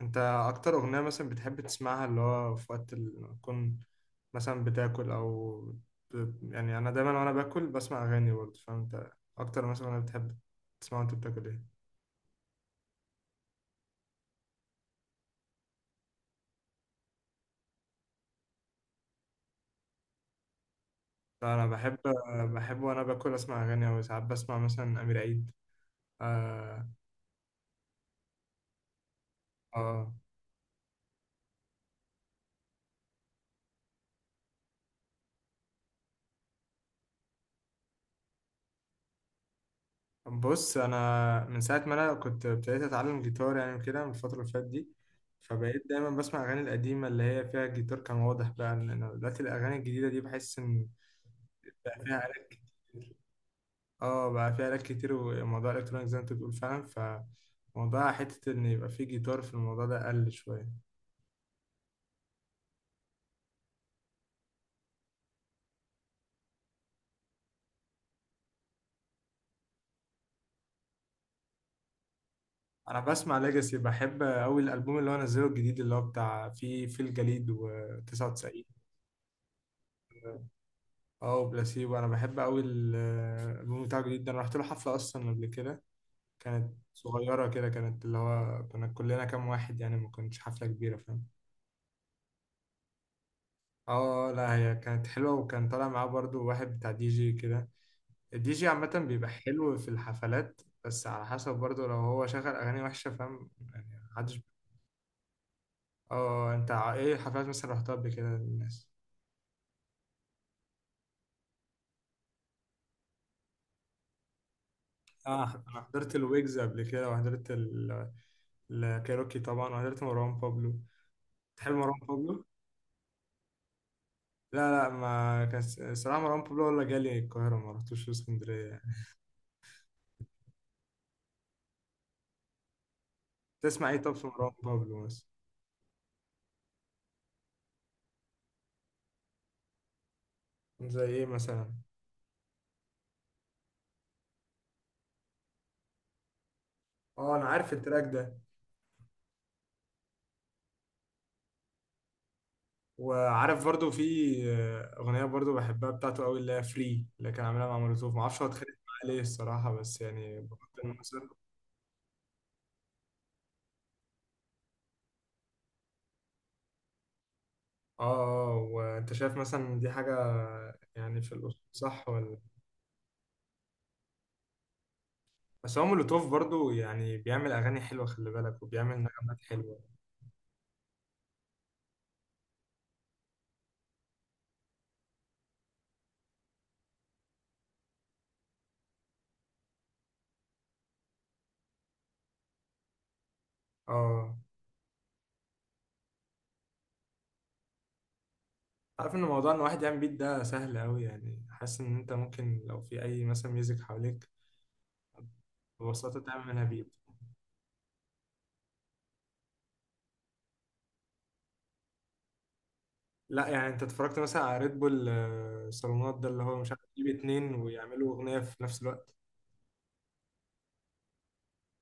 انت اكتر اغنية مثلا بتحب تسمعها اللي هو في وقت تكون مثلا بتاكل او يعني انا دايما وانا باكل بسمع اغاني برضه، فانت اكتر مثلا انا بتحب تسمع وانت بتاكل ايه؟ لا، انا بحب وانا باكل اسمع اغاني، او ساعات بسمع مثلا امير عيد. آه... اه، بص، انا من ساعة ما انا كنت ابتديت اتعلم جيتار يعني كده، من الفترة اللي فاتت دي، فبقيت دايما بسمع اغاني القديمة اللي هي فيها الجيتار كان واضح بقى، لان أنا دلوقتي الاغاني الجديدة دي بحس ان بقى فيها آلات كتير. اه، بقى في آلات كتير، وموضوع الالكترونيك زي ما انت بتقول فعلا، فموضوع حتة ان يبقى في جيتار في الموضوع ده قل شوية. انا بسمع ليجاسي، بحب قوي الالبوم اللي هو نزله الجديد اللي هو بتاع في الجليد و99. اه، وبلاسيبو انا بحب قوي الالبوم بتاعه الجديد ده. انا رحت له حفلة اصلا قبل كده، كانت صغيرة كده، كانت اللي هو كنا كلنا كام واحد يعني، ما كانتش حفلة كبيرة، فاهم؟ اه لا، هي كانت حلوة، وكان طالع معاه برضو واحد بتاع دي جي كده. الدي جي عامة بيبقى حلو في الحفلات، بس على حسب برضه، لو هو شغل أغاني وحشة، فاهم يعني، محدش. اه، انت ايه حفلات مثلا رحتها قبل كده للناس؟ اه، أنا حضرت الويجز قبل كده وحضرت الكايروكي طبعا، وحضرت مروان بابلو. تحب مروان بابلو؟ لا لا، ما كان س- الصراحة، مروان بابلو ولا جالي القاهرة، ما رحتوش اسكندرية يعني. تسمع ايه طب في مروان بابلو مثلا؟ زي ايه مثلا؟ اه، انا عارف التراك ده. وعارف برضو في أغنية برضو بحبها بتاعته قوي، اللي هي فري، اللي كان عاملها مع مولوتوف. معرفش هو اتخانق معاه ليه الصراحة، بس يعني بحط إنه مثلا. اه. وانت شايف مثلا دي حاجة يعني في الأصول، صح ولا؟ بس هو مولوتوف برضو يعني بيعمل أغاني حلوة، خلي بالك، وبيعمل نغمات حلوة. اه، عارف ان موضوع ان واحد يعمل بيت ده سهل قوي يعني، حاسس ان انت ممكن لو في اي مثلا ميوزك حواليك ببساطة تعمل منها بيت. لا يعني، انت اتفرجت مثلا على ريد بول صالونات ده اللي هو مش عارف، يجيب اتنين ويعملوا اغنيه في نفس الوقت.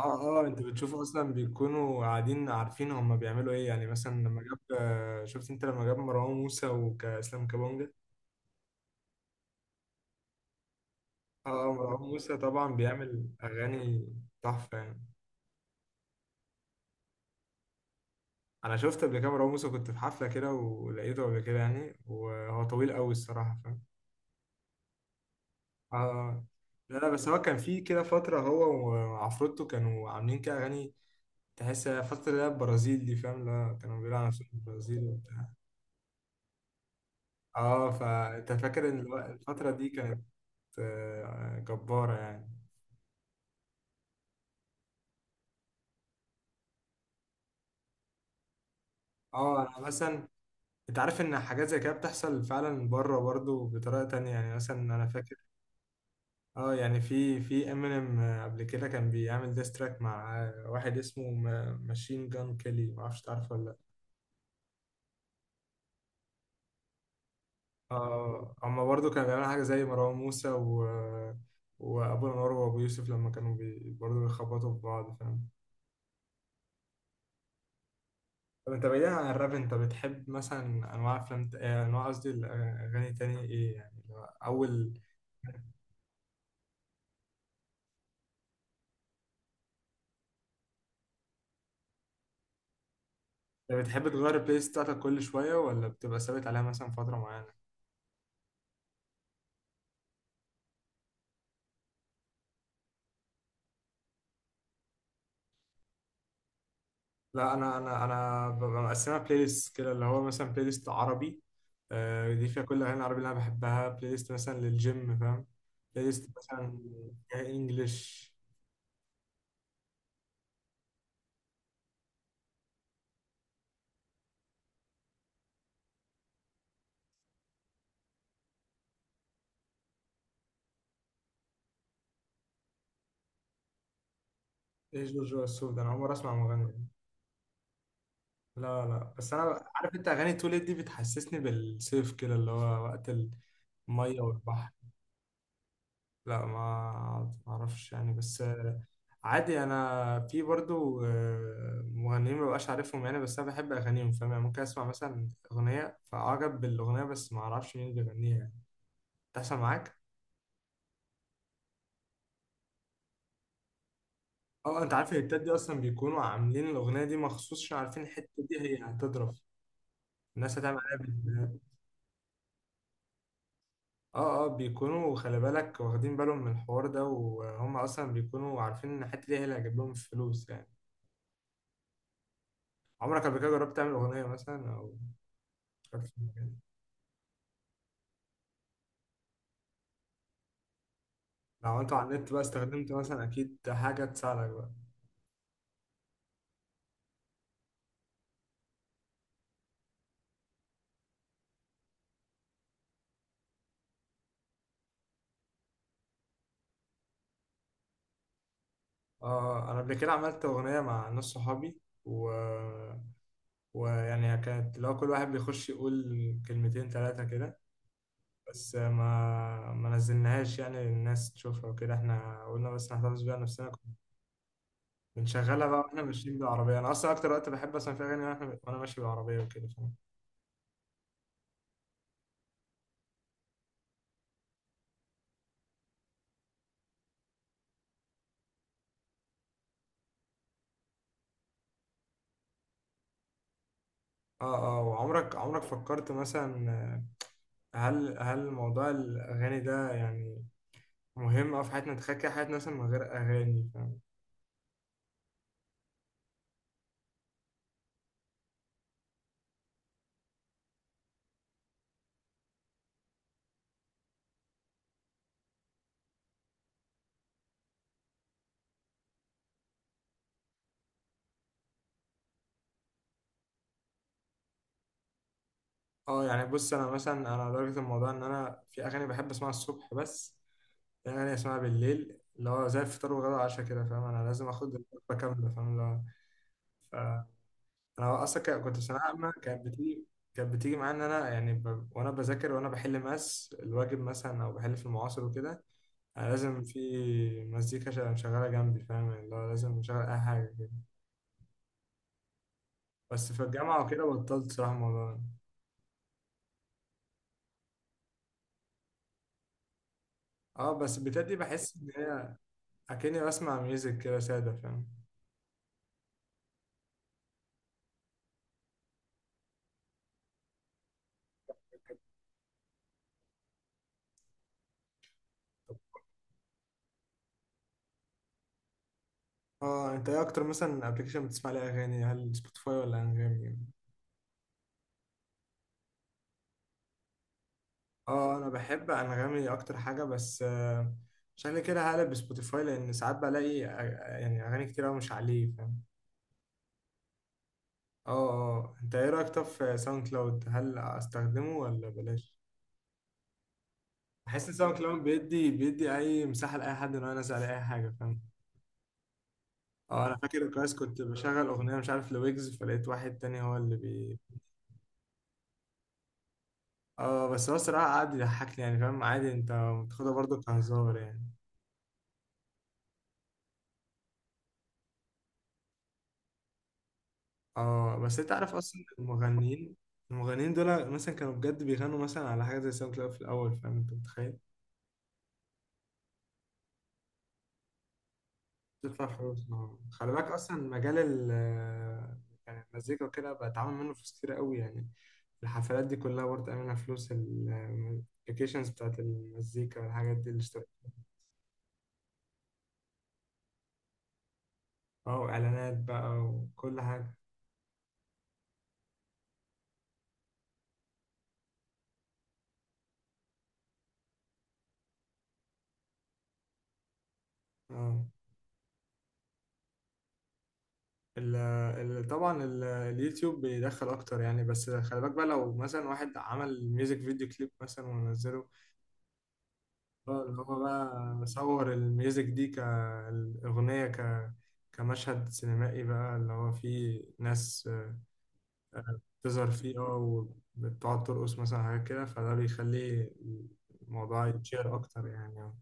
اه، اه، انت بتشوف اصلا بيكونوا قاعدين عارفين هم بيعملوا ايه يعني، مثلا لما جاب آه، شفت انت لما جاب مروان موسى وكاسلام كابونجا. اه. مروان موسى طبعا بيعمل اغاني تحفه يعني. انا شفت قبل كده مروان موسى، كنت في حفله كده ولقيته قبل كده يعني، وهو طويل قوي الصراحه، فاهم؟ اه، لا لا، بس هو كان في كده فتره، هو وعفروتو كانوا عاملين كده اغاني تحس فترة اللي هي البرازيل دي، فاهم؟ لا كانوا بيقولوا على نفسهم البرازيل وبتاع. اه، فانت فاكر ان الفترة دي كانت جبارة يعني. اه. انا مثلا، انت عارف ان حاجات زي كده بتحصل فعلا بره برضو بطريقة تانية يعني. مثلا انا فاكر، اه يعني في امينيم قبل كده كان بيعمل ديستراك مع واحد اسمه ماشين جان كيلي، معرفش تعرفه ولا؟ اه، هما برضه كانوا بيعملوا حاجة زي مروان موسى وأبو الأنوار وأبو يوسف لما كانوا برضه بيخبطوا في بعض، فاهم؟ طب أنت بعيدا عن الراب، أنت بتحب مثلا أنواع أفلام أنواع، قصدي الأغاني، تاني إيه يعني اللي هو أول. أنت بتحب تغير البلاي ليست بتاعتك كل شوية ولا بتبقى ثابت عليها مثلا فترة معينة؟ لا، أنا ببقى مقسمها بلاي ليست كده، اللي هو مثلا بلاي ليست عربي، دي فيها كل الأغاني العربي اللي أنا بحبها. بلاي ليست مثلا للجيم، فاهم. بلاي ليست مثلا فيها إنجلش. ايه جورج وسوف ده؟ انا عمري اسمع مغني. لا لا، بس انا عارف. انت اغاني توليت دي بتحسسني بالصيف كده، اللي هو وقت الميه والبحر. لا، ما اعرفش يعني، بس عادي. انا في برضو مغنيين ما بقاش عارفهم يعني، بس انا بحب اغانيهم، فاهم يعني؟ ممكن اسمع مثلا اغنيه فاعجب بالاغنيه، بس ما اعرفش مين اللي بيغنيها يعني. تحصل معاك. اه، انت عارف الهيتات دي اصلا بيكونوا عاملين الاغنيه دي مخصوص، عشان عارفين الحته دي هي هتضرب، الناس هتعمل عليها. اه اه، بيكونوا خلي بالك واخدين بالهم من الحوار ده، وهم اصلا بيكونوا عارفين ان الحته دي هي اللي هتجيب لهم الفلوس يعني. عمرك قبل كده جربت تعمل اغنيه مثلا او فكرت في الموضوع ده؟ لو عملته على النت بقى استخدمت مثلا اكيد حاجه تساعدك بقى. اه اه، انا قبل كده عملت اغنيه مع ناس صحابي، و... ويعني كانت لو كل واحد بيخش يقول كلمتين ثلاثه كده، بس ما نزلناهاش يعني الناس تشوفها وكده، احنا قلنا بس نحتفظ بيها نفسنا. بنشغلها بقى واحنا ماشيين بالعربية. أنا أصلا أكتر وقت بحب أسمع فيها أغاني وأنا ماشي بالعربية وكده، فاهم؟ وعمرك فكرت مثلا هل موضوع الأغاني ده يعني مهم أوي في حياتنا؟ تخيل كده حياتنا مثلا من غير أغاني، فاهم. آه، يعني بص، أنا مثلا، أنا لدرجة الموضوع إن أنا في أغاني بحب أسمعها الصبح بس، في أغاني أسمعها بالليل، اللي هو زي الفطار والغدا والعشاء كده، فاهم؟ أنا لازم آخد الوجبة كاملة، فاهم اللي هو. انا اصلا كنت في ثانويه عامه. كانت بتيجي معايا ان انا يعني وانا بذاكر وانا بحل ماس الواجب مثلا او بحل في المعاصر وكده، انا لازم في مزيكا شغاله جنبي، فاهم يعني؟ اللي هو لازم اشغل اي حاجه كده. بس في الجامعه وكده بطلت صراحه الموضوع ده. اه بس، بتاعت دي بحس ان هي اكني بسمع ميوزك كده ساده، فاهم. اه، انت ايه اكتر مثلا ابلكيشن بتسمع عليه اغاني، هل سبوتيفاي ولا انغامي؟ اه، انا بحب انغامي اكتر حاجه، بس عشان كده هقلب سبوتيفاي، لان ساعات بلاقي يعني اغاني كتير أوي مش عليه، فاهم. اه اه، انت ايه رايك طب في ساوند كلاود، هل استخدمه ولا بلاش؟ بحس ان ساوند كلاود بيدي اي مساحه لاي حد ان هو ينزل عليه اي حاجه، فاهم. اه، انا فاكر كويس، كنت بشغل اغنيه مش عارف لويجز، فلقيت واحد تاني هو اللي اه بس هو الصراحه قعد يضحكني يعني، فاهم؟ عادي، انت بتاخدها برضه كهزار يعني. اه، بس انت عارف اصلا المغنيين دول مثلا كانوا بجد بيغنوا مثلا على حاجه زي ساوند كلاود في الاول، فاهم؟ انت متخيل تدفع فلوس؟ خلي بالك، اصلا مجال ال آه، يعني المزيكا وكده بقى اتعامل منه فلوس كتير قوي يعني. الحفلات دي كلها برضه منها فلوس، الابلكيشنز بتاعت المزيكا والحاجات دي اللي اشتغل. اه، واعلانات بقى وكل حاجه. اه، ال ال طبعا اليوتيوب بيدخل اكتر يعني، بس خلي بالك بقى لو مثلا واحد عمل ميوزك فيديو كليب مثلا ونزله. اه، اللي هو بقى مصور الميوزك دي كأغنية كمشهد سينمائي بقى، اللي هو فيه ناس بتظهر فيه، اه، وبتقعد ترقص مثلا حاجات كده، فده بيخليه الموضوع يتشير أكتر يعني.